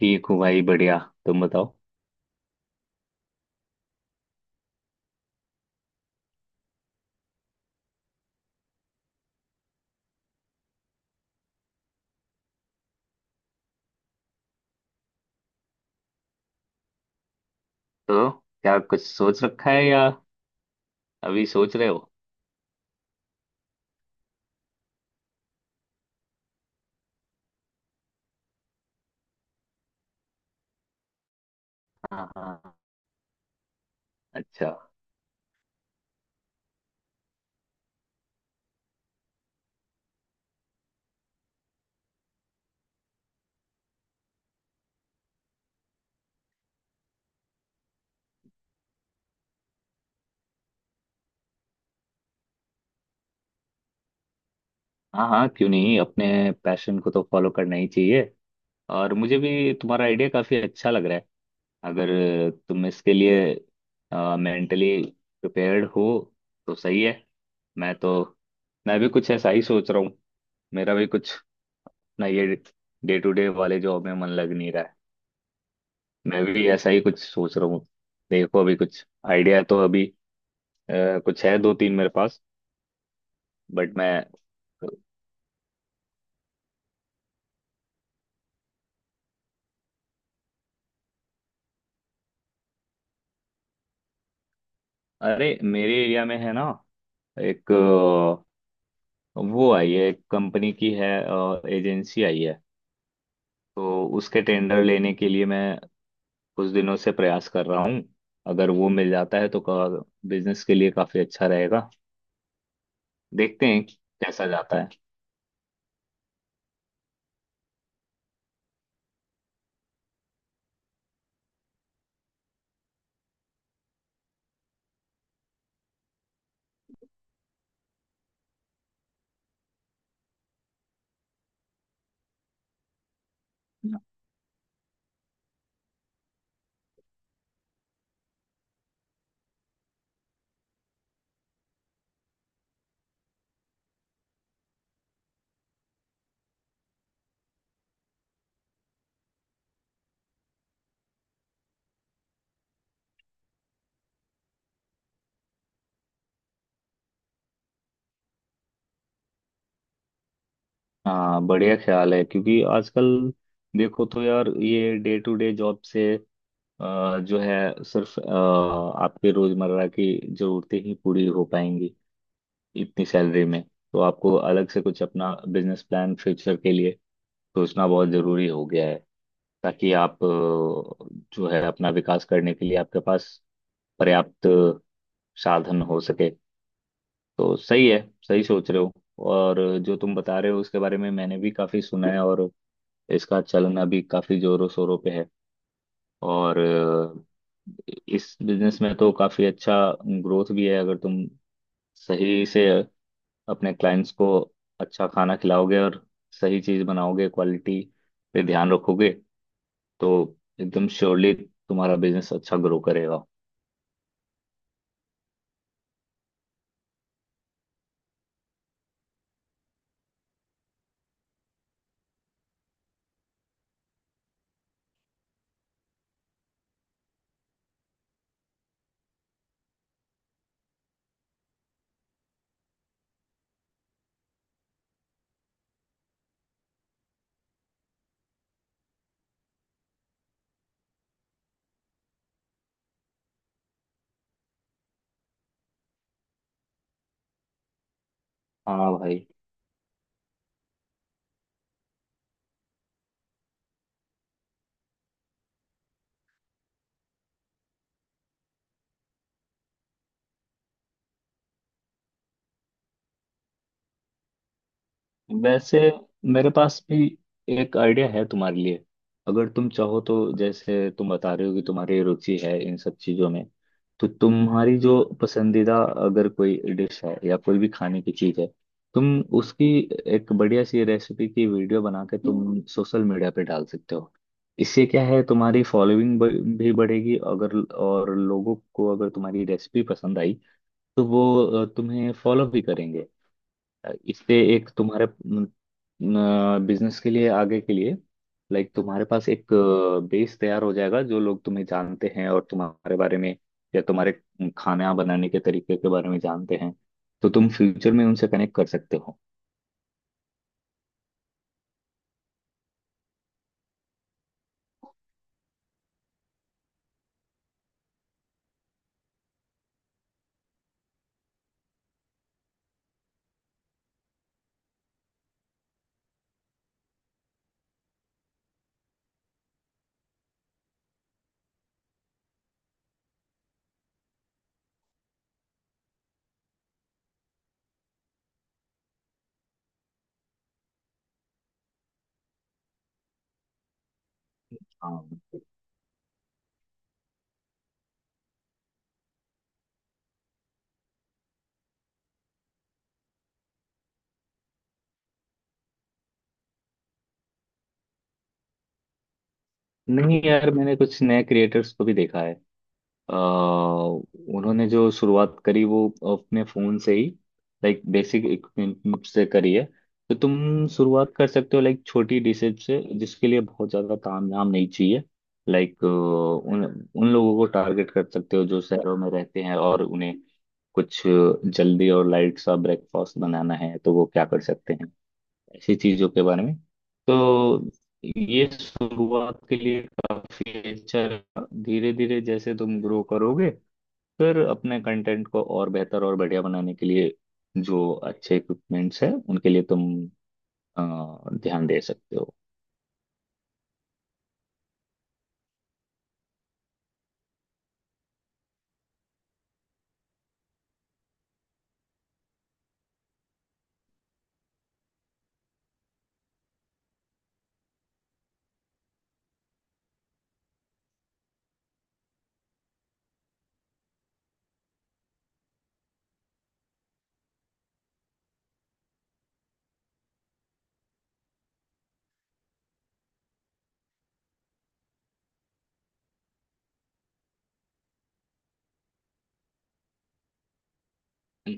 ठीक हूँ भाई, बढ़िया। तुम बताओ। तो क्या कुछ सोच रखा है या अभी सोच रहे हो? हाँ, हाँ। अच्छा। हाँ, हाँ, क्यों नहीं। अपने पैशन को तो फॉलो करना ही चाहिए। और मुझे भी तुम्हारा आइडिया काफी अच्छा लग रहा है। अगर तुम इसके लिए मेंटली प्रिपेयर्ड हो तो सही है। मैं तो मैं भी कुछ ऐसा ही सोच रहा हूँ। मेरा भी कुछ, ना, ये डे टू डे वाले जॉब में मन लग नहीं रहा है। मैं भी ऐसा ही कुछ सोच रहा हूँ। देखो, अभी कुछ आइडिया तो अभी कुछ है, दो तीन मेरे पास। बट मैं। अरे, मेरे एरिया में है ना, एक वो आई है, एक कंपनी की है, एजेंसी आई है। तो उसके टेंडर लेने के लिए मैं कुछ दिनों से प्रयास कर रहा हूँ। अगर वो मिल जाता है तो बिजनेस के लिए काफी अच्छा रहेगा। देखते हैं कैसा जाता है। हाँ, बढ़िया ख्याल है। क्योंकि आजकल देखो तो यार, ये डे टू डे जॉब से जो है, सिर्फ आपके रोजमर्रा की जरूरतें ही पूरी हो पाएंगी इतनी सैलरी में। तो आपको अलग से कुछ अपना बिजनेस प्लान फ्यूचर के लिए सोचना बहुत जरूरी हो गया है। ताकि आप जो है, अपना विकास करने के लिए आपके पास पर्याप्त साधन हो सके। तो सही है, सही सोच रहे हो। और जो तुम बता रहे हो उसके बारे में मैंने भी काफी सुना है, और इसका चलन अभी काफी जोरों शोरों पे है। और इस बिजनेस में तो काफी अच्छा ग्रोथ भी है। अगर तुम सही से अपने क्लाइंट्स को अच्छा खाना खिलाओगे और सही चीज बनाओगे, क्वालिटी पे ध्यान रखोगे, तो एकदम श्योरली तुम्हारा बिजनेस अच्छा ग्रो करेगा। हाँ, भाई। वैसे मेरे पास भी एक आइडिया है तुम्हारे लिए। अगर तुम चाहो तो, जैसे तुम बता रहे हो कि तुम्हारी रुचि है इन सब चीजों में, तो तुम्हारी जो पसंदीदा, अगर कोई डिश है या कोई भी खाने की चीज है, तुम उसकी एक बढ़िया सी रेसिपी की वीडियो बना के तुम सोशल मीडिया पे डाल सकते हो। इससे क्या है, तुम्हारी फॉलोइंग भी बढ़ेगी। अगर और लोगों को अगर तुम्हारी रेसिपी पसंद आई तो वो तुम्हें फॉलो भी करेंगे। इससे एक तुम्हारे बिजनेस के लिए, आगे के लिए, लाइक तुम्हारे पास एक बेस तैयार हो जाएगा, जो लोग तुम्हें जानते हैं और तुम्हारे बारे में या तुम्हारे खाना बनाने के तरीके के बारे में जानते हैं, तो तुम फ्यूचर में उनसे कनेक्ट कर सकते हो। हाँ। नहीं यार, मैंने कुछ नए क्रिएटर्स को भी देखा है। अ, उन्होंने जो शुरुआत करी वो अपने फोन से ही, लाइक बेसिक इक्विपमेंट से करी है। तो तुम शुरुआत कर सकते हो, लाइक छोटी डिशेज से, जिसके लिए बहुत ज्यादा तामझाम नहीं चाहिए। लाइक उन उन लोगों को टारगेट कर सकते हो जो शहरों में रहते हैं, और उन्हें कुछ जल्दी और लाइट सा ब्रेकफास्ट बनाना है तो वो क्या कर सकते हैं, ऐसी चीजों के बारे में। तो ये शुरुआत के लिए काफी अच्छा। धीरे धीरे जैसे तुम ग्रो करोगे, फिर अपने कंटेंट को और बेहतर और बढ़िया बनाने के लिए, जो अच्छे इक्विपमेंट्स हैं उनके लिए तुम अ, ध्यान दे सकते हो।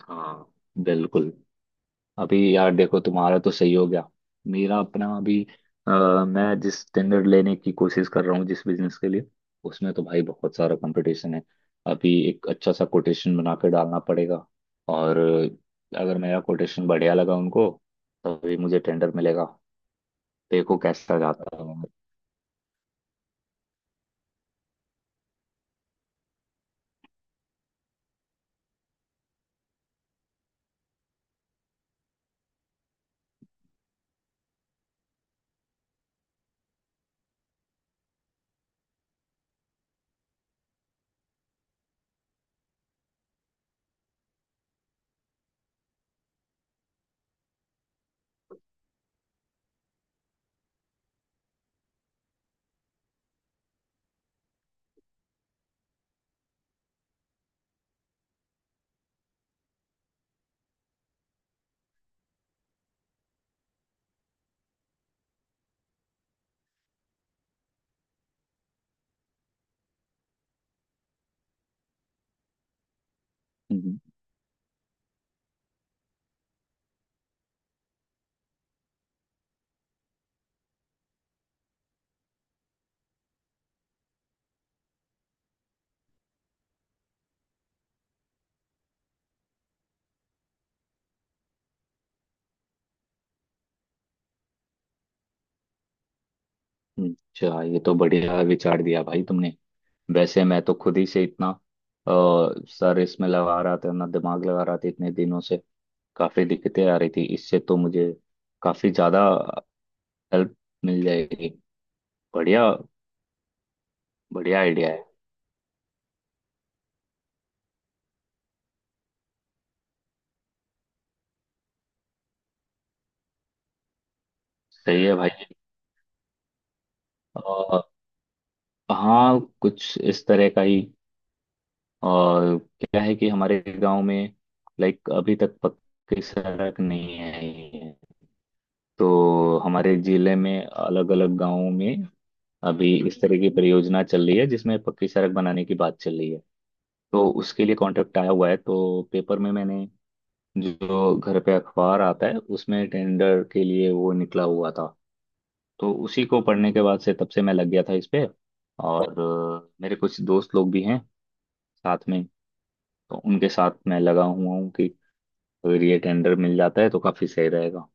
हाँ, बिल्कुल। अभी यार देखो, तुम्हारा तो सही हो गया। मेरा अपना अभी अ, मैं जिस टेंडर लेने की कोशिश कर रहा हूँ, जिस बिजनेस के लिए, उसमें तो भाई बहुत सारा कंपटीशन है। अभी एक अच्छा सा कोटेशन बना के डालना पड़ेगा। और अगर मेरा कोटेशन बढ़िया लगा उनको, तभी मुझे टेंडर मिलेगा। देखो कैसा जाता है। अच्छा, ये तो बढ़िया विचार दिया भाई तुमने। वैसे मैं तो खुद ही से इतना अ, सर इसमें लगा रहा था, अपना दिमाग लगा रहा था इतने दिनों से। काफी दिक्कतें आ रही थी, इससे तो मुझे काफी ज्यादा हेल्प मिल जाएगी। बढ़िया। बढ़िया आइडिया है। सही है भाई। आ, हाँ, कुछ इस तरह का ही। और क्या है कि हमारे गांव में, लाइक अभी तक पक्की सड़क नहीं है। तो हमारे जिले में अलग अलग गांवों में अभी इस तरह की परियोजना चल रही है, जिसमें पक्की सड़क बनाने की बात चल रही है। तो उसके लिए कॉन्ट्रैक्ट आया हुआ है, तो पेपर में, मैंने जो घर पे अखबार आता है उसमें, टेंडर के लिए वो निकला हुआ था। तो उसी को पढ़ने के बाद से, तब से मैं लग गया था इस पे। और मेरे कुछ दोस्त लोग भी हैं साथ में, तो उनके साथ मैं लगा हुआ हूँ कि अगर ये टेंडर मिल जाता है तो काफी सही रहेगा।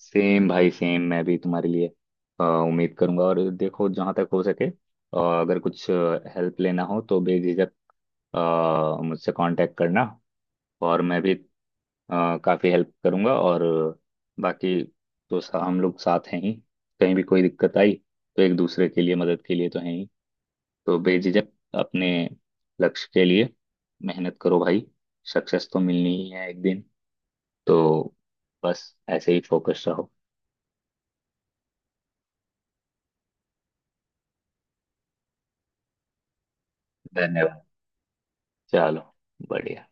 सेम भाई, सेम। मैं भी तुम्हारे लिए उम्मीद करूंगा। और देखो, जहां तक हो सके, अगर कुछ हेल्प लेना हो तो बेझिझक अ, मुझसे कांटेक्ट करना। और मैं भी काफी हेल्प करूंगा। और बाकी तो हम लोग साथ हैं ही। कहीं भी कोई दिक्कत आई, तो एक दूसरे के लिए, मदद के लिए तो हैं ही। तो बेझिझक अपने लक्ष्य के लिए मेहनत करो भाई। सक्सेस तो मिलनी ही है एक दिन। तो बस ऐसे ही फोकस रहो। धन्यवाद। चलो, बढ़िया।